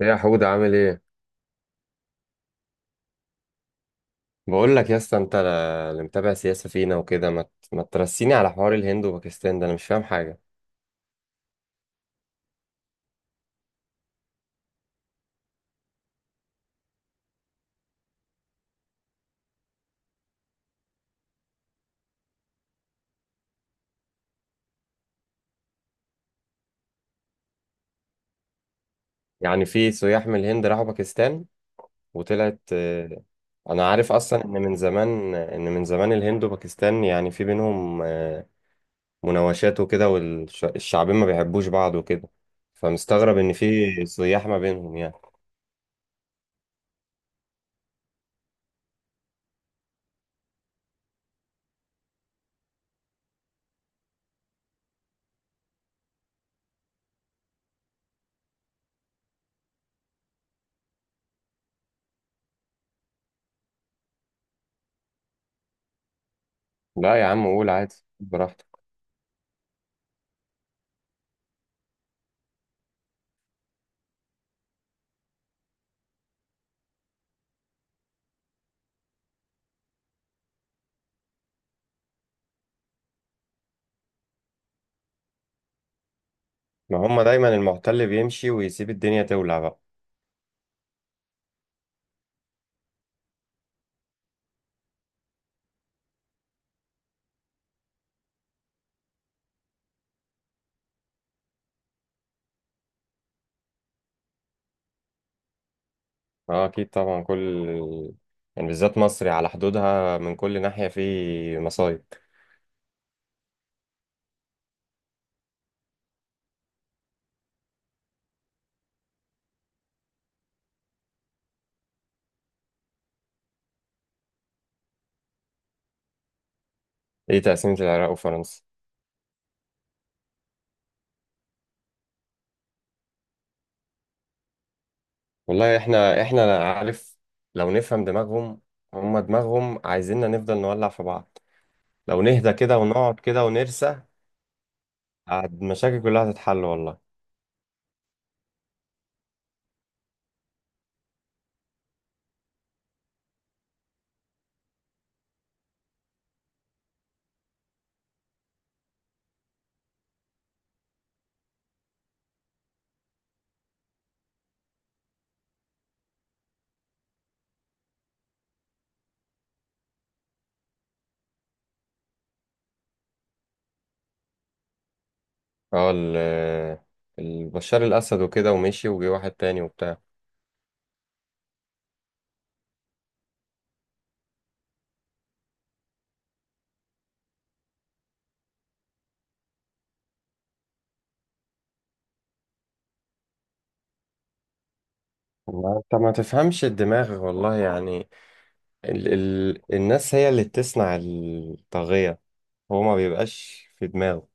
إيه يا حودة عامل ايه؟ بقول لك يا اسطى انت اللي متابع سياسة فينا وكده ما ترسيني على حوار الهند وباكستان ده انا مش فاهم حاجة. يعني في سياح من الهند راحوا باكستان وطلعت انا عارف اصلا ان من زمان الهند وباكستان يعني في بينهم مناوشات وكده والشعبين ما بيحبوش بعض وكده. فمستغرب ان في سياح ما بينهم يعني. لا يا عم قول عادي، براحتك. ما هم دايما المحتل بيمشي ويسيب الدنيا تولع بقى. اه اكيد طبعا، كل يعني بالذات مصر على حدودها من كل ناحية في مصايب. ايه تقسيمة العراق وفرنسا؟ والله احنا عارف، لو نفهم دماغهم. هما دماغهم عايزيننا نفضل نولع في بعض، لو نهدى كده ونقعد كده ونرسى المشاكل كلها هتتحل والله. اه بشار الاسد وكده ومشي وجي واحد تاني وبتاع. والله انت ما تفهمش الدماغ والله يعني. ال ال الناس هي اللي بتصنع الطاغية، هو ما بيبقاش في دماغه.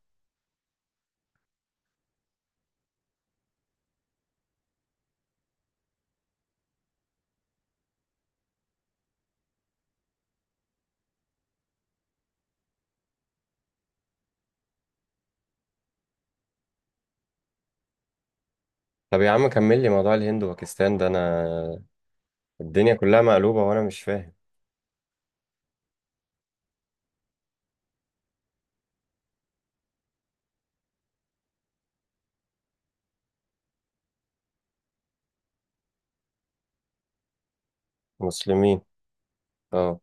طب يا عم كمل لي موضوع الهند وباكستان ده، انا الدنيا كلها مقلوبة وانا مش فاهم. مسلمين، اه.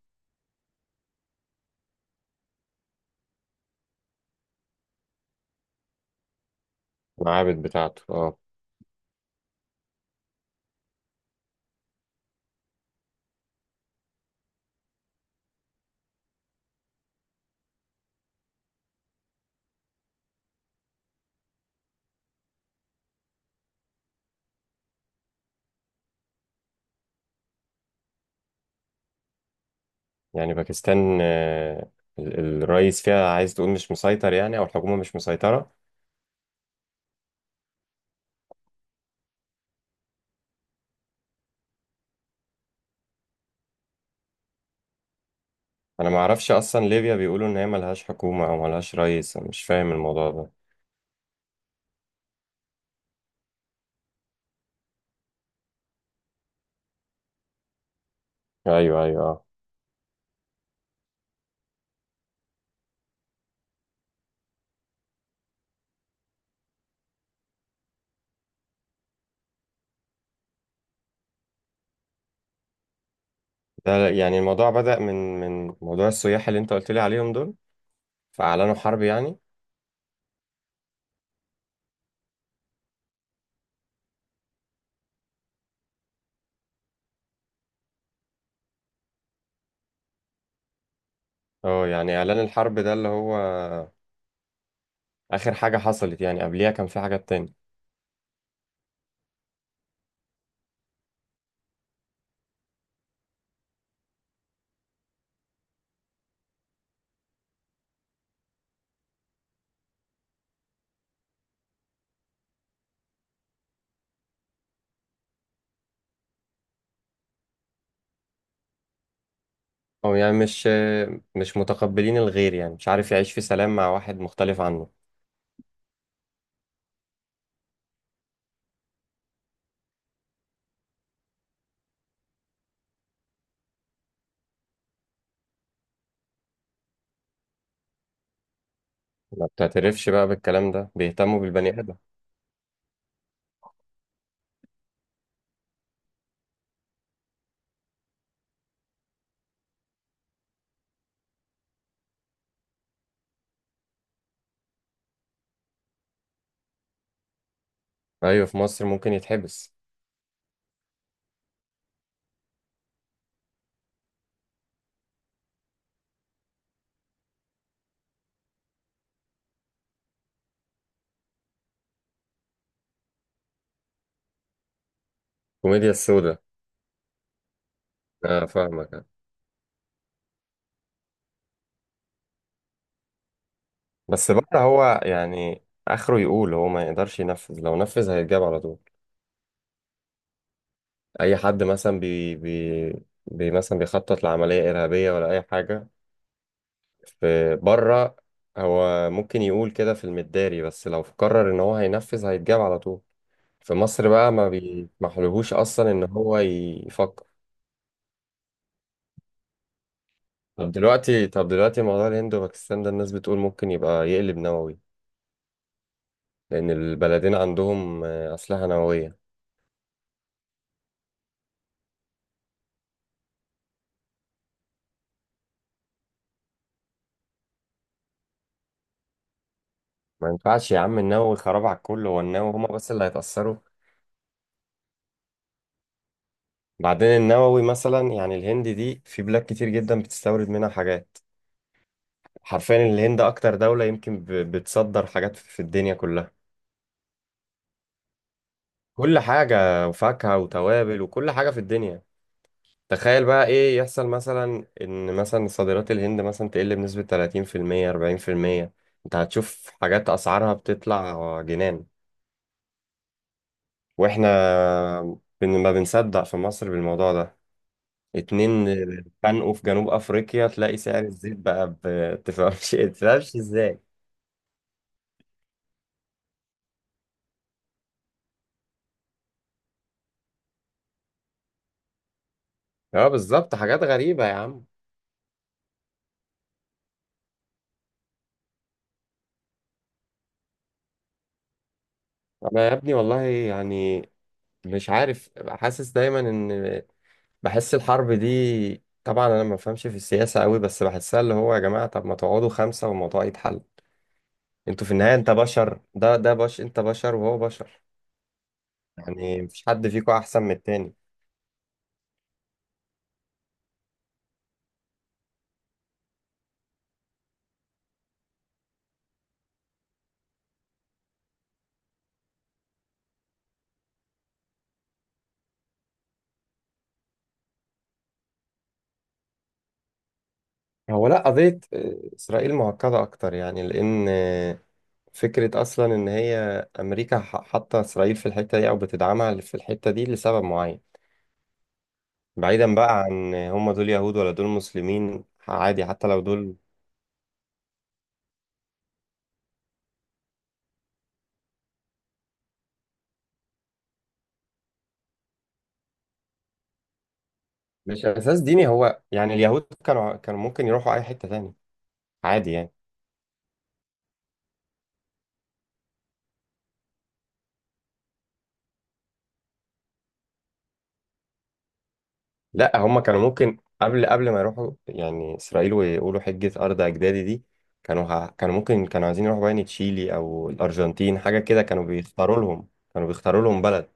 المعابد بتاعته، اه. يعني باكستان، ال- الرئيس فيها عايز تقول مش مسيطر يعني او الحكومة مش مسيطرة. انا ما اعرفش اصلا ليبيا بيقولوا ان هي ملهاش حكومة او ملهاش رئيس، انا مش فاهم الموضوع ده. ايوه ايوه اه. ده يعني الموضوع بدأ من موضوع السياح اللي انت قلت لي عليهم دول، فاعلنوا حرب يعني. اه يعني اعلان الحرب ده اللي هو آخر حاجة حصلت يعني، قبليها كان في حاجات تانية. هو يعني مش متقبلين الغير، يعني مش عارف يعيش في سلام مع واحد مختلف عنه. ما بتعترفش بقى بالكلام ده، بيهتموا بالبني آدم. أيوة في مصر ممكن يتحبس. كوميديا السوداء. أنا فاهمك. بس بره هو يعني آخره يقول هو ما يقدرش ينفذ، لو نفذ هيتجاب على طول. أي حد مثلا بي بي بي مثلا بيخطط لعملية إرهابية ولا أي حاجة في بره، هو ممكن يقول كده في المداري، بس لو قرر ان هو هينفذ هيتجاب على طول. في مصر بقى ما بيسمحلهوش اصلا ان هو يفكر. طب دلوقتي موضوع الهند وباكستان ده الناس بتقول ممكن يبقى يقلب نووي، لان البلدين عندهم اسلحة نووية. ما ينفعش يا عم، النووي خراب على الكل، هو النووي هما بس اللي هيتأثروا؟ بعدين النووي مثلا، يعني الهند دي في بلاد كتير جدا بتستورد منها حاجات. حرفيا الهند اكتر دولة يمكن بتصدر حاجات في الدنيا كلها، كل حاجة وفاكهة وتوابل وكل حاجة في الدنيا. تخيل بقى ايه يحصل مثلا ان مثلا صادرات الهند مثلا تقل بنسبة 30% 40%، انت هتشوف حاجات اسعارها بتطلع جنان. واحنا ما بنصدق في مصر بالموضوع ده. اتنين اتخانقوا في جنوب افريقيا تلاقي سعر الزيت بقى تفهمش ازاي. اه بالظبط، حاجات غريبة يا عم. انا يا ابني والله يعني مش عارف، حاسس دايما ان بحس الحرب دي طبعا، انا ما بفهمش في السياسه قوي بس بحسها، اللي هو يا جماعه طب ما تقعدوا خمسه والموضوع يتحل. انتوا في النهايه، انت بشر، ده ده بش انت بشر وهو بشر، يعني مفيش حد فيكم احسن من التاني. هو لا، قضيه اسرائيل معقده اكتر يعني، لان فكره اصلا ان هي امريكا حاطه اسرائيل في الحته دي او بتدعمها في الحته دي لسبب معين. بعيدا بقى عن هم دول يهود ولا دول مسلمين، عادي حتى لو دول. مش اساس ديني، هو يعني اليهود كانوا ممكن يروحوا اي حته تاني عادي يعني. لا هم كانوا ممكن قبل ما يروحوا يعني اسرائيل ويقولوا حجه ارض اجدادي دي، كانوا ممكن كانوا عايزين يروحوا يعني تشيلي او الارجنتين حاجه كده، كانوا بيختاروا لهم بلد.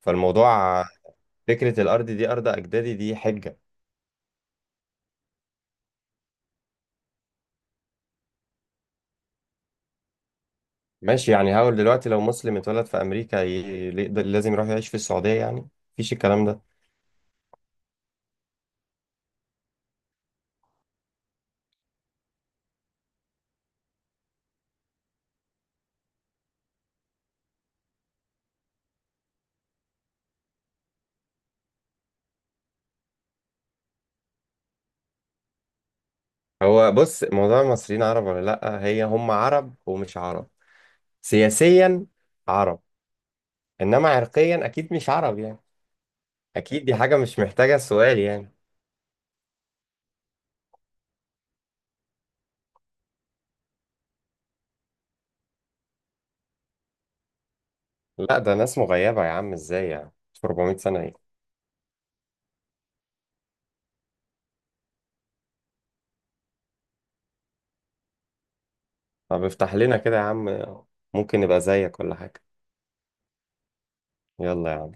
فالموضوع فكره الارض دي ارض اجدادي دي حجه. ماشي، يعني هقول دلوقتي لو مسلم اتولد في امريكا لازم يروح يعيش في السعوديه يعني؟ مفيش الكلام ده. هو بص موضوع المصريين عرب ولا لا، هي هم عرب ومش عرب. سياسيا عرب، انما عرقيا اكيد مش عرب يعني. اكيد دي حاجه مش محتاجه سؤال يعني. لا ده ناس مغيبه يا عم، ازاي يعني في 400 سنه ايه؟ طب افتح لنا كده يا عم، ممكن نبقى زيك ولا حاجه. يلا يا